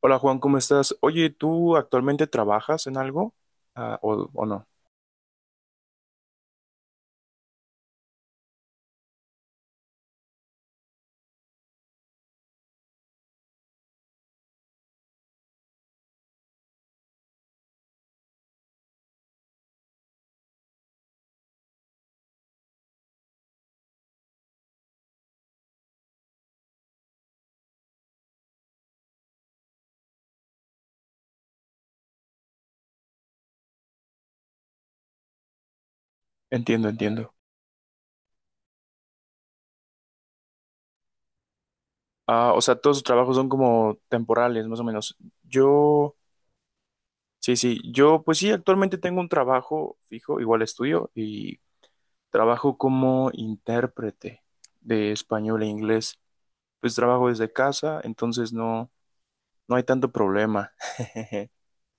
Hola Juan, ¿cómo estás? Oye, ¿tú actualmente trabajas en algo? Ah, o no? Entiendo, entiendo. Ah, o sea, todos tus trabajos son como temporales, más o menos. Yo, sí, sí, yo pues sí, actualmente tengo un trabajo fijo, igual estudio, y trabajo como intérprete de español e inglés. Pues trabajo desde casa, entonces no, no hay tanto problema.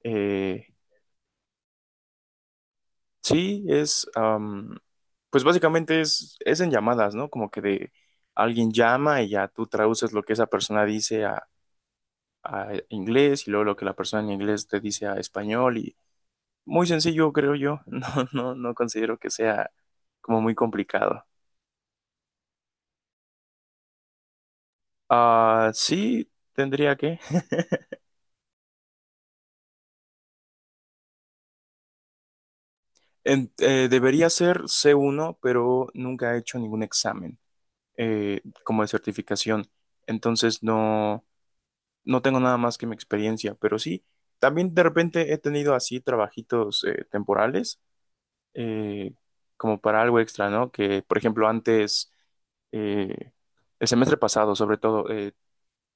Eh, Sí, es, pues básicamente es en llamadas, ¿no? Como que de alguien llama y ya tú traduces lo que esa persona dice a inglés y luego lo que la persona en inglés te dice a español y muy sencillo, creo yo. No, no, no considero que sea como muy complicado. Ah, sí, tendría que. Debería ser C1, pero nunca he hecho ningún examen como de certificación. Entonces no, no tengo nada más que mi experiencia, pero sí, también de repente he tenido así trabajitos temporales, eh, como para algo extra, ¿no? Que, por ejemplo, antes, eh, el semestre pasado, sobre todo,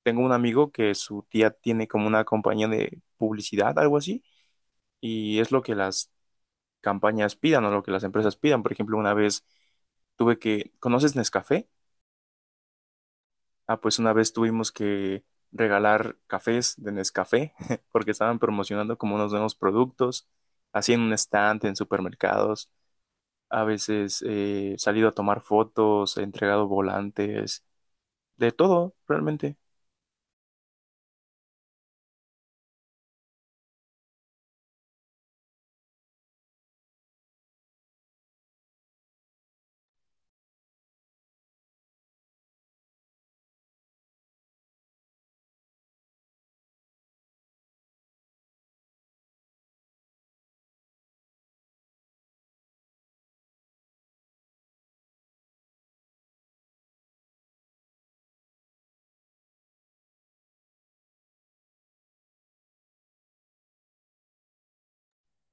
tengo un amigo que su tía tiene como una compañía de publicidad, algo así, y es lo que las campañas pidan o lo que las empresas pidan. Por ejemplo, una vez tuve que, ¿conoces Nescafé? Ah, pues una vez tuvimos que regalar cafés de Nescafé porque estaban promocionando como unos nuevos productos, así en un estante, en supermercados. A veces he salido a tomar fotos, he entregado volantes, de todo, realmente.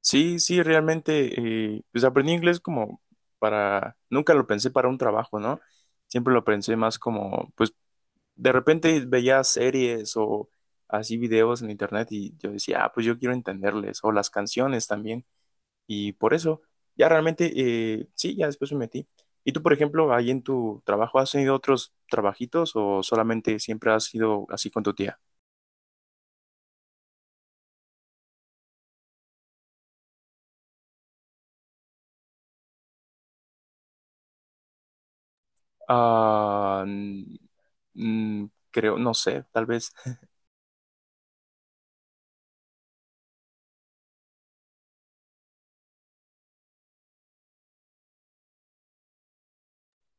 Sí, sí, realmente, pues aprendí inglés como para, nunca lo pensé para un trabajo, ¿no? Siempre lo pensé más como, pues de repente veía series o así videos en internet y yo decía, ah, pues yo quiero entenderles, o las canciones también. Y por eso, ya realmente, sí, ya después me metí. ¿Y tú, por ejemplo, ahí en tu trabajo, has tenido otros trabajitos o solamente siempre has sido así con tu tía? Ah, mm, mm, creo, no sé, tal vez.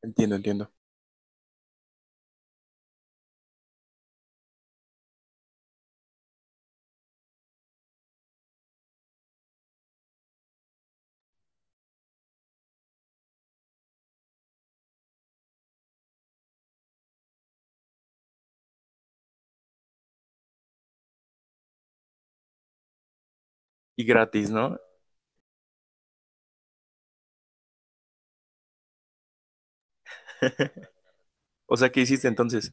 Entiendo, entiendo. Y gratis, ¿no? O sea, ¿qué hiciste entonces?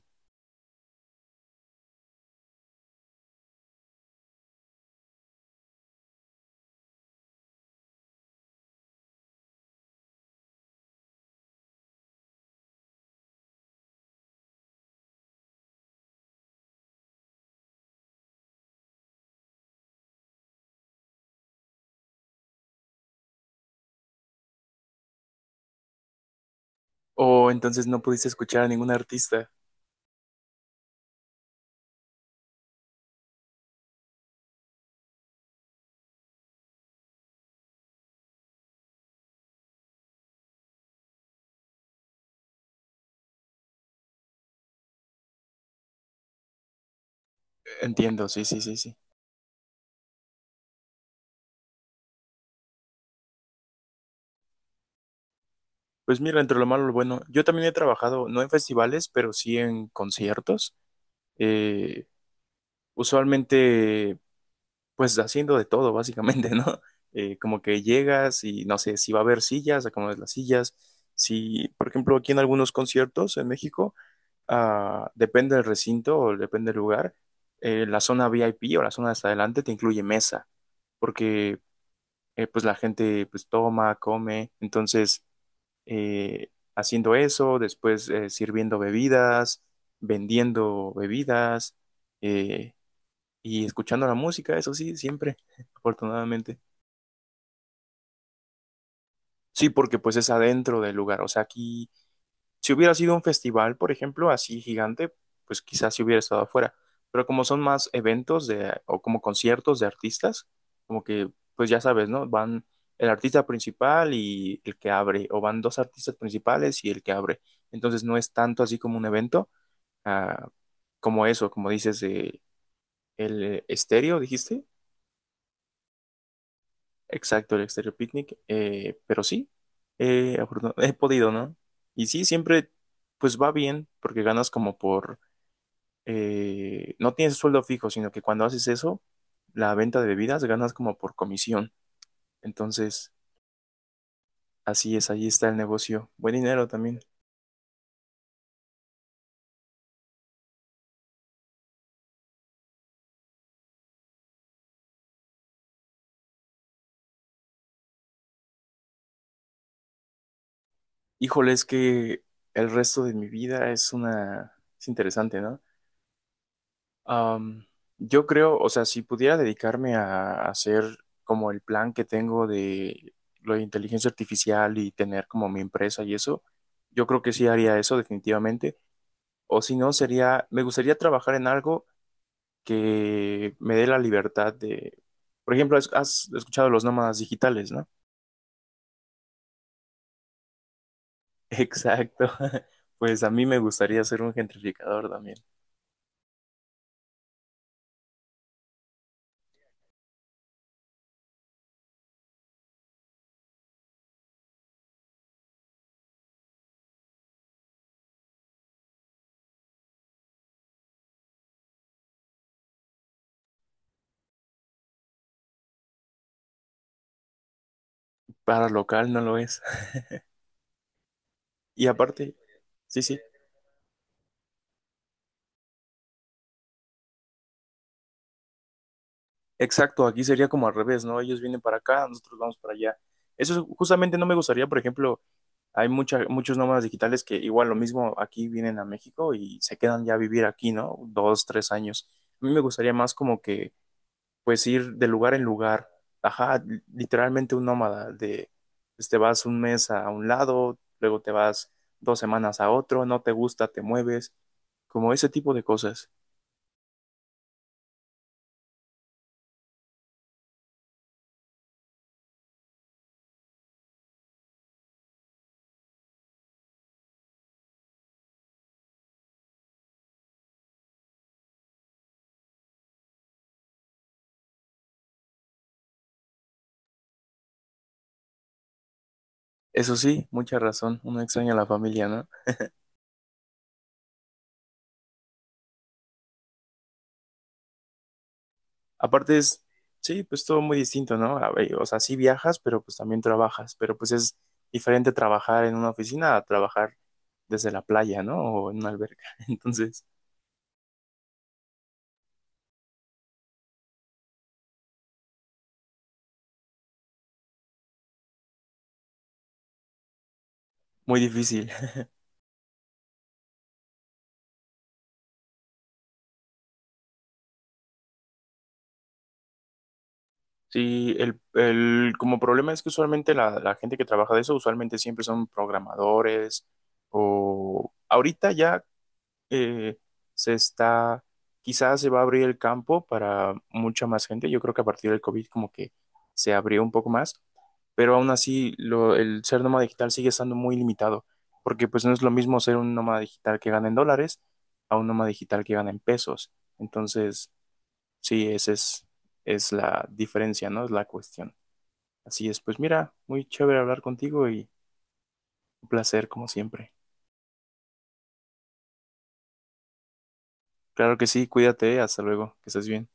¿O entonces no pudiste escuchar a ningún artista? Entiendo, sí, sí, sí, sí. Pues mira, entre lo malo y lo bueno, yo también he trabajado, no en festivales, pero sí en conciertos. eh, Usualmente, pues haciendo de todo, básicamente, ¿no? Como que llegas y no sé si va a haber sillas, acomodas las sillas. Si, por ejemplo, aquí en algunos conciertos en México, ah, depende del recinto o depende del lugar, la zona VIP o la zona de hasta adelante te incluye mesa, porque pues la gente pues toma, come, entonces haciendo eso, después sirviendo bebidas, vendiendo bebidas eh, y escuchando la música, eso sí, siempre, afortunadamente. Sí, porque pues es adentro del lugar, o sea, aquí si hubiera sido un festival, por ejemplo, así gigante, pues quizás si hubiera estado afuera. Pero como son más eventos de, o como conciertos de artistas, como que, pues ya sabes, ¿no? Van el artista principal y el que abre, o van dos artistas principales y el que abre. Entonces no es tanto así como un evento, ah, como eso, como dices, el estéreo, dijiste. Exacto, el Exterior Picnic, pero sí, he podido, ¿no? Y sí, siempre, pues va bien, porque ganas como por no tienes sueldo fijo, sino que cuando haces eso, la venta de bebidas ganas como por comisión. Entonces, así es, ahí está el negocio. Buen dinero también. Híjole, es que el resto de mi vida es una... Es interesante, ¿no? Am, yo creo, o sea, si pudiera dedicarme a hacer como el plan que tengo de lo de inteligencia artificial y tener como mi empresa y eso, yo creo que sí haría eso definitivamente. O si no, sería, me gustaría trabajar en algo que me dé la libertad de, por ejemplo, has escuchado los nómadas digitales, ¿no? Exacto. Pues a mí me gustaría ser un gentrificador también. Para local no lo es. Y aparte, sí, sí, exacto, aquí sería como al revés, ¿no? Ellos vienen para acá, nosotros vamos para allá. Justamente no me gustaría, por ejemplo, hay muchos nómadas digitales que igual lo mismo aquí vienen a México y se quedan ya a vivir aquí, ¿no? Dos, tres años. A mí me gustaría más como que pues ir de lugar en lugar. Ajá, literalmente un nómada de, pues, te vas un mes a un lado, luego te vas dos semanas a otro, no te gusta, te mueves, como ese tipo de cosas. Eso sí, mucha razón, uno extraña a la familia, ¿no? Aparte es, sí, pues todo muy distinto, ¿no? A ver, o sea, sí viajas, pero pues también trabajas, pero pues es diferente trabajar en una oficina a trabajar desde la playa, ¿no? O en una alberca. Entonces, muy difícil. Sí, como problema es que usualmente la gente que trabaja de eso, usualmente siempre son programadores o ahorita ya eh, se está, quizás se va a abrir el campo para mucha más gente. Yo creo que a partir del COVID como que se abrió un poco más, pero aún así el ser nómada digital sigue estando muy limitado, porque pues no es lo mismo ser un nómada digital que gana en dólares a un nómada digital que gana en pesos. Entonces sí, esa es la diferencia, ¿no? Es la cuestión. Así es, pues mira, muy chévere hablar contigo y un placer como siempre. Claro que sí, cuídate, hasta luego, que estés bien.